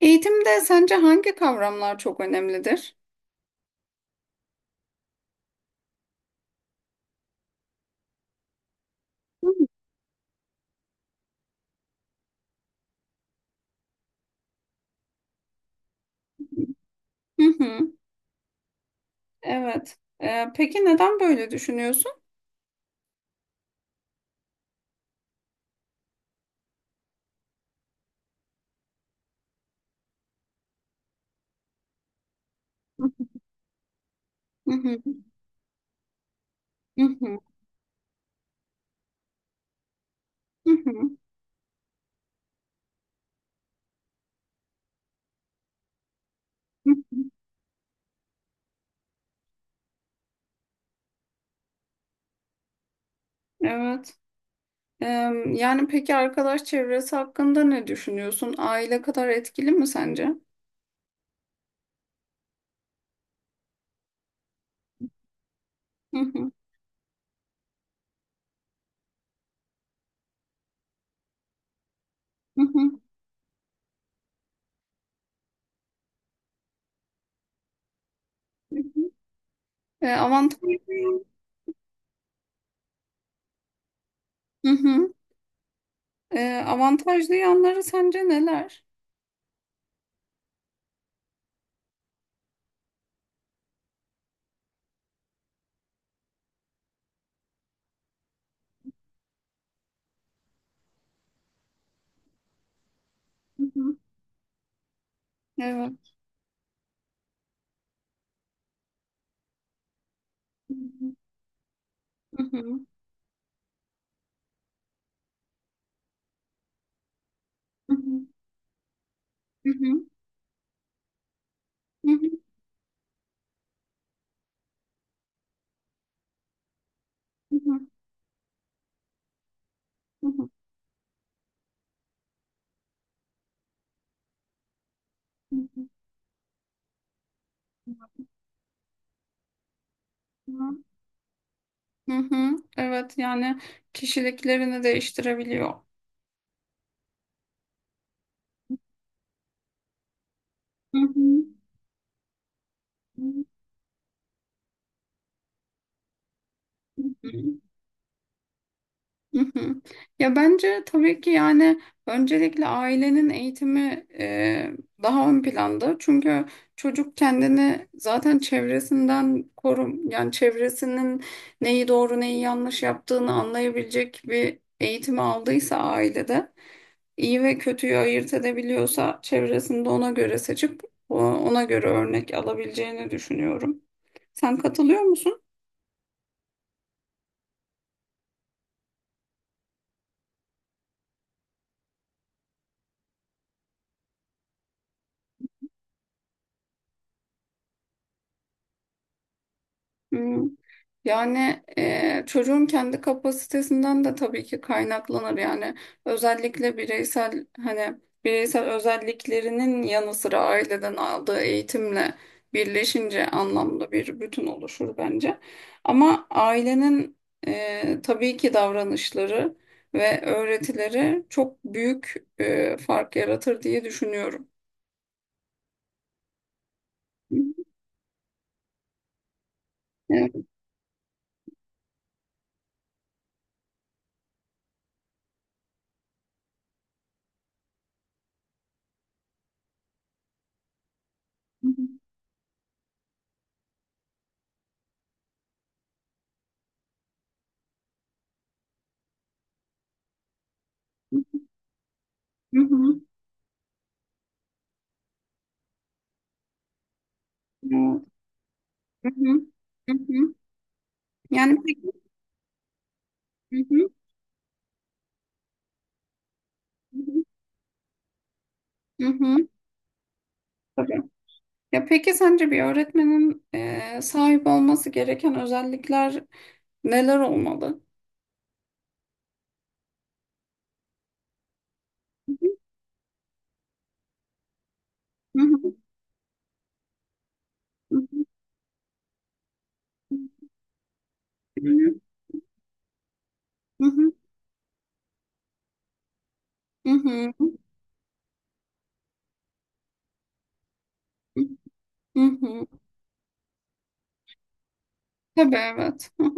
Eğitimde sence hangi kavramlar çok önemlidir? Hı hı. Hı. Evet. Peki neden böyle düşünüyorsun? Hı hı, hı hı, hı hı, hı hı. Evet. Ee, Yani peki arkadaş çevresi hakkında ne düşünüyorsun? Aile kadar etkili mi sence? Hı hı, hı hı, hı hı. Avantajlı, hı hı. Avantajlı yanları sence neler? Hı hı. Evet. Hı hı, hı hı, hı hı, hı hı, hı hı, hı hı, hı hı. Hı hı. Evet, yani kişiliklerini değiştirebiliyor. Hı hı. Hı hı. Hı hı. Ya bence tabii ki yani öncelikle ailenin eğitimi, daha ön planda. Çünkü çocuk kendini zaten çevresinden korum, yani çevresinin neyi doğru neyi yanlış yaptığını anlayabilecek bir eğitimi aldıysa ailede, iyi ve kötüyü ayırt edebiliyorsa çevresinde ona göre seçip ona göre örnek alabileceğini düşünüyorum. Sen katılıyor musun? Hmm. Yani çocuğun kendi kapasitesinden de tabii ki kaynaklanır. Yani özellikle bireysel hani bireysel özelliklerinin yanı sıra aileden aldığı eğitimle birleşince anlamlı bir bütün oluşur bence. Ama ailenin tabii ki davranışları ve öğretileri çok büyük fark yaratır diye düşünüyorum. Evet. Hı hı. Hı hı. Evet. Hı hı. Hı hı. Yani peki. Hı hı. Hı hı, tabii. Ya peki sence bir öğretmenin sahip olması gereken özellikler neler olmalı? Hı hı, hı hı, hı hı, hı hı, hı hı. Tabii, evet. Hı hı,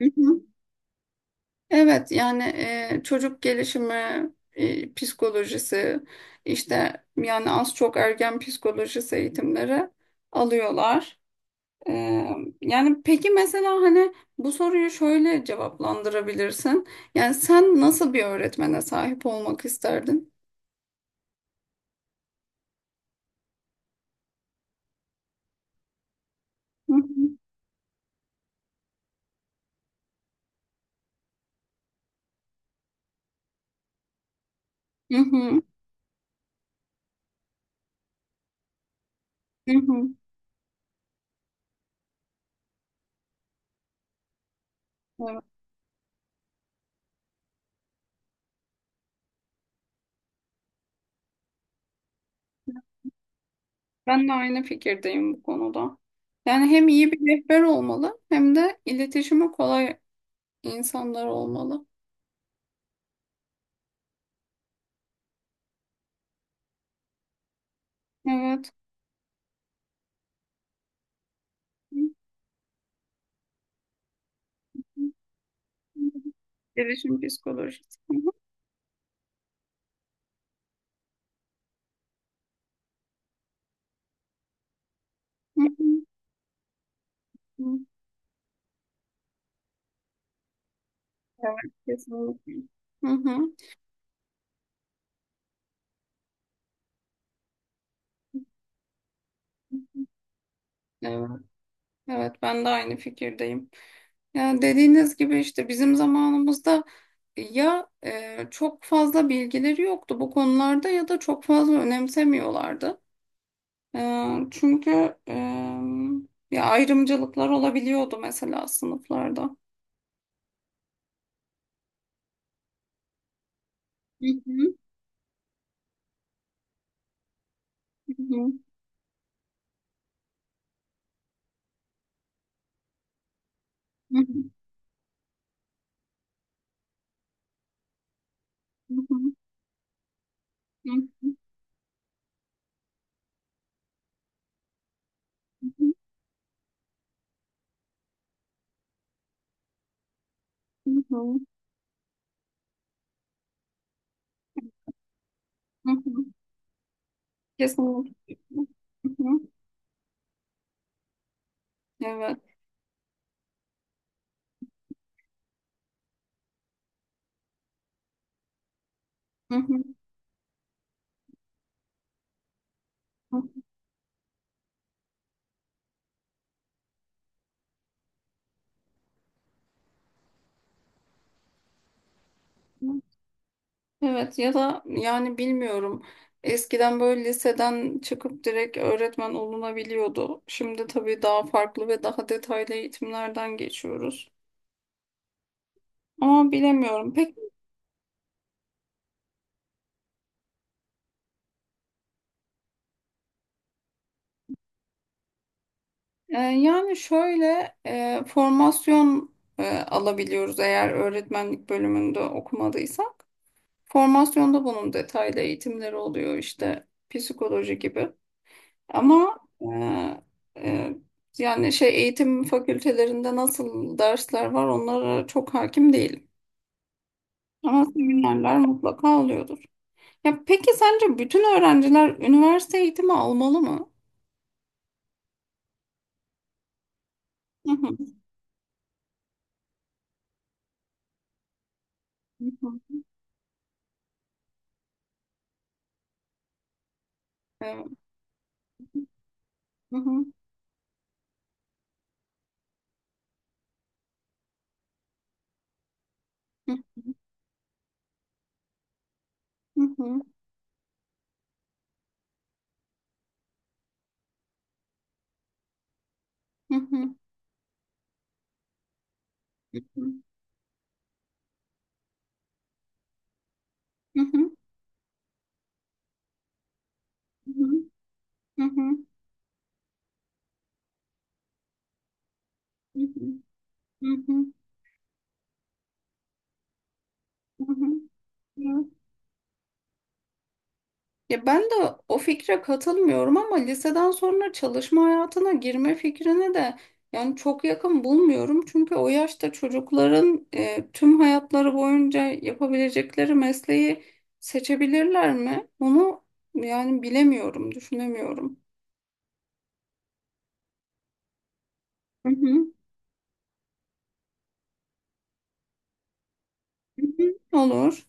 hı hı. Evet, yani çocuk gelişimi, psikolojisi, işte yani az çok ergen psikolojisi eğitimleri alıyorlar. Ee, Yani peki mesela hani bu soruyu şöyle cevaplandırabilirsin. Yani sen nasıl bir öğretmene sahip olmak isterdin? Hı hı, hı hı, hı hı. Evet, ben de aynı fikirdeyim bu konuda. Yani hem iyi bir rehber olmalı hem de iletişimi kolay insanlar olmalı. Evet. Hı hı, hı. Gelişim psikolojisi. Hı hı, hı hı, hı. Evet, kesinlikle. Hı hı. Evet, evet, ben de aynı fikirdeyim. Yani dediğiniz gibi işte bizim zamanımızda ya, çok fazla bilgileri yoktu bu konularda ya da çok fazla önemsemiyorlardı. E, Çünkü, ya ayrımcılıklar olabiliyordu mesela sınıflarda. Hı hı, hı hı, hı hı, hı hı, hı hı, hı hı, hı hı. Kesinlikle. Hı hı. Evet. Hı hı. Hı hı. Evet, ya da yani bilmiyorum. Eskiden böyle liseden çıkıp direkt öğretmen olunabiliyordu. Şimdi tabii daha farklı ve daha detaylı eğitimlerden geçiyoruz. Ama bilemiyorum. Pek yani şöyle, formasyon alabiliyoruz eğer öğretmenlik bölümünde okumadıysa. Formasyonda bunun detaylı eğitimleri oluyor, işte psikoloji gibi. Ama e, yani şey, eğitim fakültelerinde nasıl dersler var onlara çok hakim değilim. Ama seminerler mutlaka oluyordur. Ya peki sence bütün öğrenciler üniversite eğitimi almalı mı? Hı hı. Hı hı. Evet. Hı hı. Hı hı. Hı hı. Hı hı. Hı hı. Hı hı. Hı hı. Hı hı. Hı hı. Hı hı. Ya ben de o fikre katılmıyorum ama liseden sonra çalışma hayatına girme fikrine de yani çok yakın bulmuyorum. Çünkü o yaşta çocukların tüm hayatları boyunca yapabilecekleri mesleği seçebilirler mi? Onu yani bilemiyorum, düşünemiyorum. Hı hı. Hı hı. Olur.